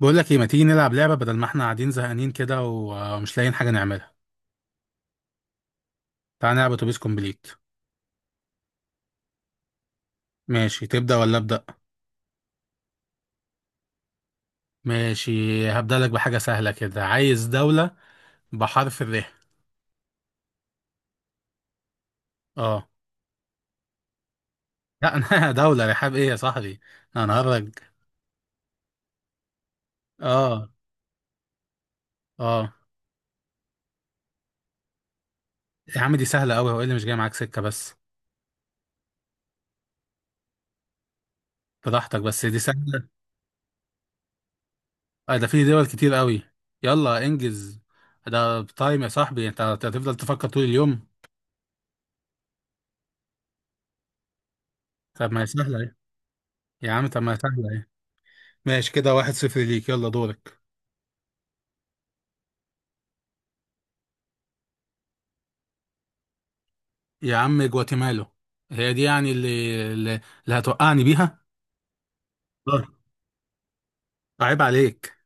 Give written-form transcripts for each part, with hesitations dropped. بقول لك ايه، ما تيجي نلعب لعبة بدل ما احنا قاعدين زهقانين كده ومش لاقيين حاجة نعملها. تعال نلعب اتوبيس كومبليت. ماشي، تبدأ ولا أبدأ؟ ماشي، هبدأ لك بحاجة سهلة كده. عايز دولة بحرف الر. اه. لا انا دولة رحاب ايه يا صاحبي؟ انا هرج. اه. اه. يا عم دي سهلة قوي، هو إيه اللي مش جاي معاك سكة بس؟ براحتك بس دي سهلة. اه ده في دول كتير قوي. يلا انجز. ده تايم يا صاحبي، انت هتفضل تفكر طول اليوم. طب ما هي سهلة ايه. يا عم طب ما هي سهلة ايه. ماشي كده واحد صفر ليك، يلا دورك. يا عم جواتيمالا. هي دي يعني اللي هتوقعني بيها. آه، عيب عليك.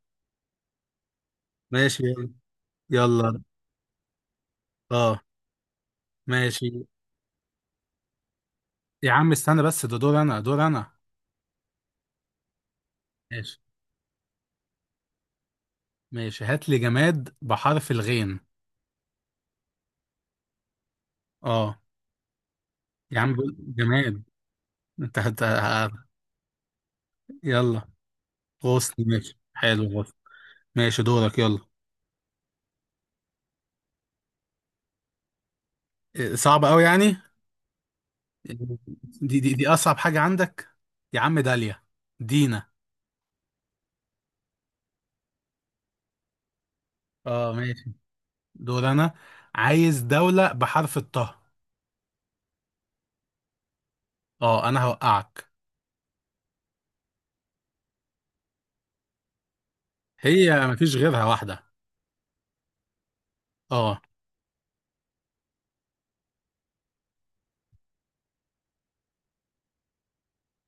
ماشي يلا. يلا. اه. ماشي. يا عم استنى بس ده دور انا، دور انا. ماشي. ماشي هات لي جماد بحرف الغين. اه. يا عم قول جماد. انت هت... ه- يلا. غصن؟ ماشي حلو غصن. ماشي دورك يلا. إيه، صعب قوي يعني؟ دي اصعب حاجة عندك. يا عم داليا. دينا. اه ماشي. دور انا. عايز دولة بحرف الطه. اه انا هوقعك. هي مفيش غيرها واحدة. اه.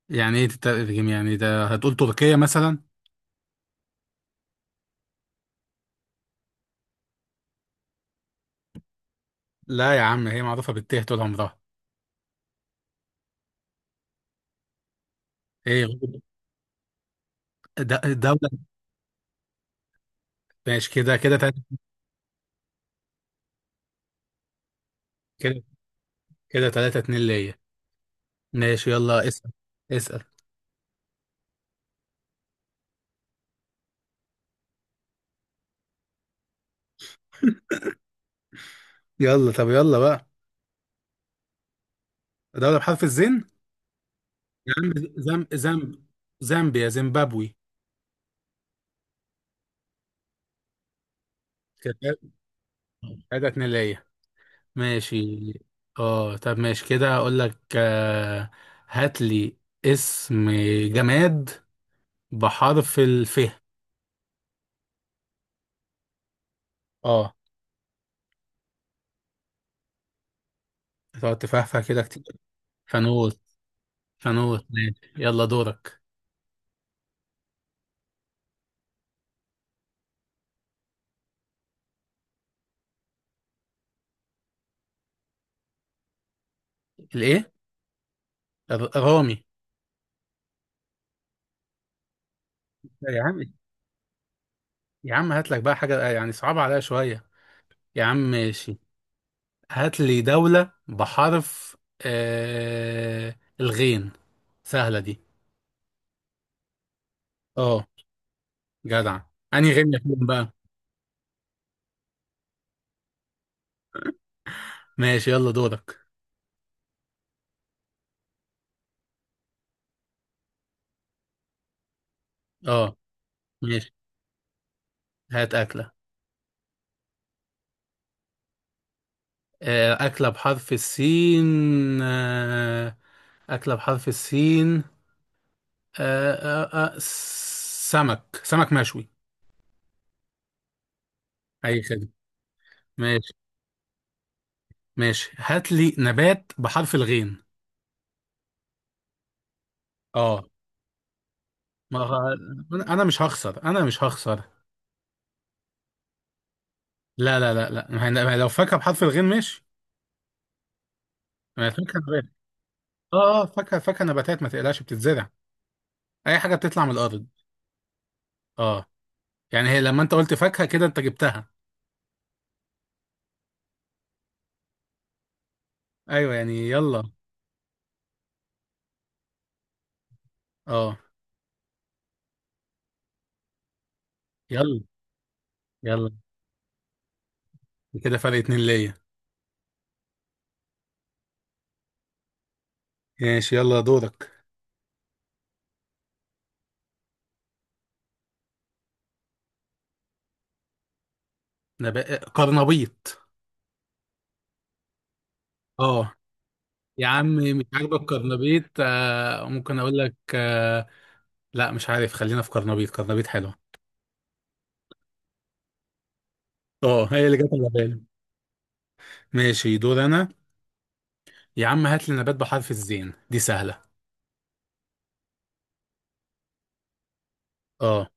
يعني ايه تترجم؟ يعني ده هتقول تركيا مثلا؟ لا يا عم هي معروفة بالته طول عمرها. ايه. دولة. ماشي كده. كده تلاتة. كده كده تلاتة اتنين ليا. ماشي يلا اسأل. اسأل. يلا طب يلا بقى. دولة بحرف الزين. يا عم زم زم، زامبيا، زيمبابوي. كده تلاتة اتنين ليا. ماشي. اه طب ماشي. كده اقول لك، هات لي اسم، جماد بحرف الف. اه. تقعد تفهفه كده كتير. فانوس. فانوس ماشي، يلا دورك. الايه. رامي. لا يا عم. يا عم هات لك بقى حاجه يعني صعبه عليا شويه. يا عم ماشي. هات لي دولة بحرف الغين. سهلة دي. اه. جدع. انهي غين يا فندم بقى؟ ماشي يلا دورك. اه. ماشي هات أكلة. أكلة بحرف السين. آه، أكلة بحرف السين. آه، آه، آه، سمك، سمك مشوي. أي خدمة. ماشي. ماشي هات لي نبات بحرف الغين. اه. ما أنا مش هخسر، أنا مش هخسر. لا ما هي- ما هي لو فاكهة بحرف الغين ماشي. ما هي فاكهة نبات. اه اه فاكهة، فاكهة نباتات ما تقلقش بتتزرع. أي حاجة بتطلع من الأرض. اه. يعني هي لما أنت قلت فاكهة كده أنت جبتها. أيوه يعني يلا. اه. يلا. يلا. كده فرق اتنين ليا. ماشي يلا دورك. انا بقى قرنبيط. اه. يا عم مش عاجبك قرنبيط؟ آه ممكن اقول لك آه لا مش عارف، خلينا في قرنبيط، قرنبيط حلوه. اه هي اللي جت على بالي. ماشي دور انا. يا عم هات لي نبات بحرف الزين دي سهله. اه.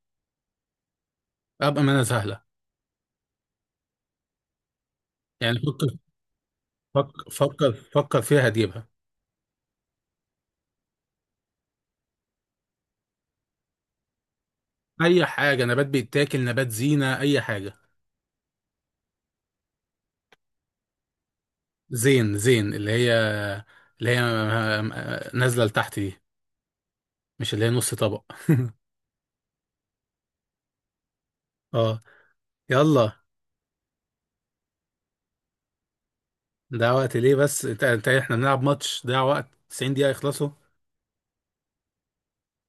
ابقى ما انا سهله. يعني فكر. فكر فيها هتجيبها. اي حاجه نبات بيتاكل، نبات زينه اي حاجه. زين اللي هي، اللي هي نازله لتحت دي، مش اللي هي نص طبق. اه. يلا. ده وقت ليه بس؟ انت انت احنا بنلعب ماتش، ده وقت 90 دقيقة يخلصوا.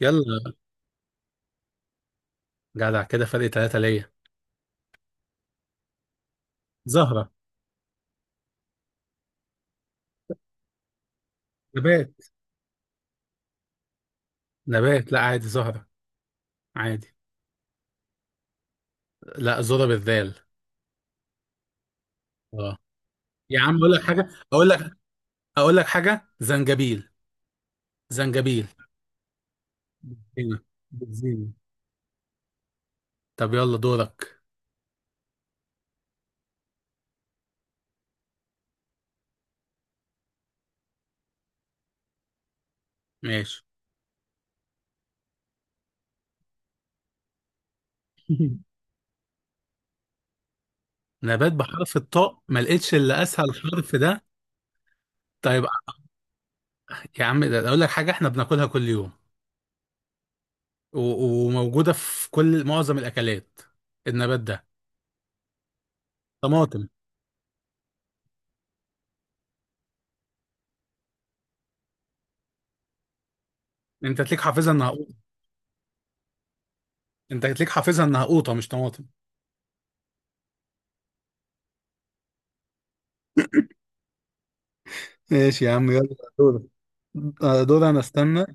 يلا. جدع، كده فرق ثلاثة ليا. زهرة. نبات. نبات لا عادي زهرة. عادي. لا زهرة بالذال. اه. يا عم اقول لك حاجة، اقول لك، اقول لك حاجة: زنجبيل. زنجبيل. هنا بالزين. طب يلا دورك. ماشي. نبات بحرف الطاء ما لقيتش الا اسهل حرف ده. طيب. يا عم ده اقول لك حاجة، احنا بناكلها كل يوم، وموجودة في كل معظم الأكلات. النبات ده طماطم. أنت تليك حافظها إنها قوطة. أنت تليك حافظها إنها قوطة مش طماطم. ماشي يا عم يلا دور. دور انا استنى.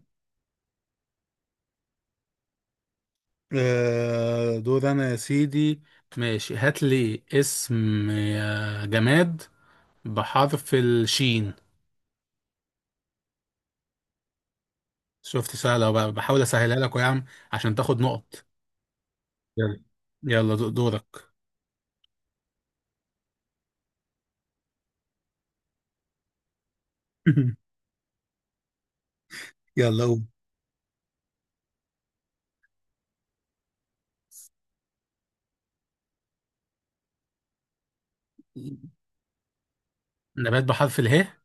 دور انا يا سيدي. ماشي هات لي اسم، جماد بحرف الشين. شفت سهلة، بحاول أسهلها لك يا عم عشان تاخد نقط. يلا. يلا دورك. يلا قول. نبات بحرف اله.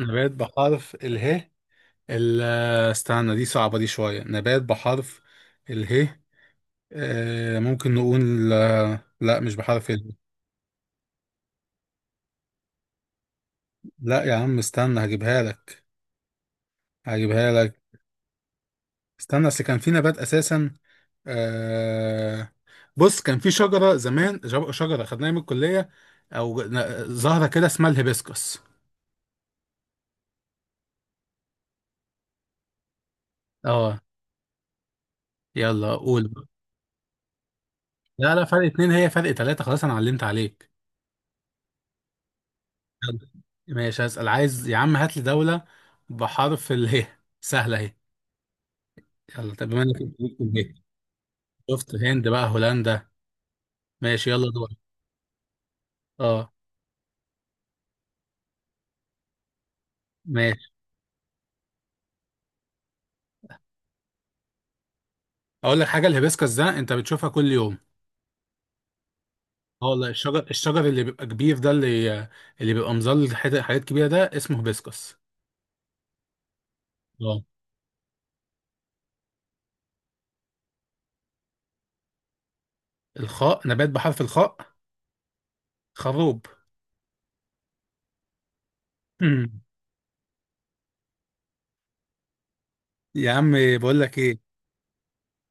نبات بحرف اله. ال- استنى دي صعبة، دي شوية نبات بحرف اله. آه ممكن نقول آه، لا مش بحرف ال. لا يا عم استنى هجيبها لك. هجيبها لك. استنى اصل كان في نبات اساسا. آه بص كان في شجرة زمان شجرة خدناها من الكلية. او زهرة كده اسمها الهيبسكس. اه. يلا قول بقى. لا لا، فرق اتنين هي فرق تلاتة خلاص، انا علمت عليك. يلا. ماشي هسأل. عايز يا عم هات لي دولة بحرف اله. سهلة اهي. يلا طب بما انك ليك في البيت. شفت هند بقى، هولندا. ماشي يلا دور. اه ماشي. اقول لك حاجه، الهيبسكس ده انت بتشوفها كل يوم. اه والله، الشجر اللي بيبقى كبير ده، اللي اللي بيبقى مظل حاجات كبيره، ده اسمه هيبسكس. اه. الخاء، نبات بحرف الخاء. خروب. يا عم بقول لك ايه،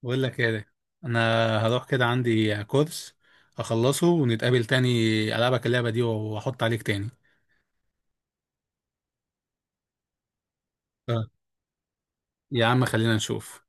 بقول لك ايه ده. انا هروح كده عندي كورس، اخلصه ونتقابل تاني، العبك اللعبه دي واحط عليك تاني. آه. يا عم خلينا نشوف.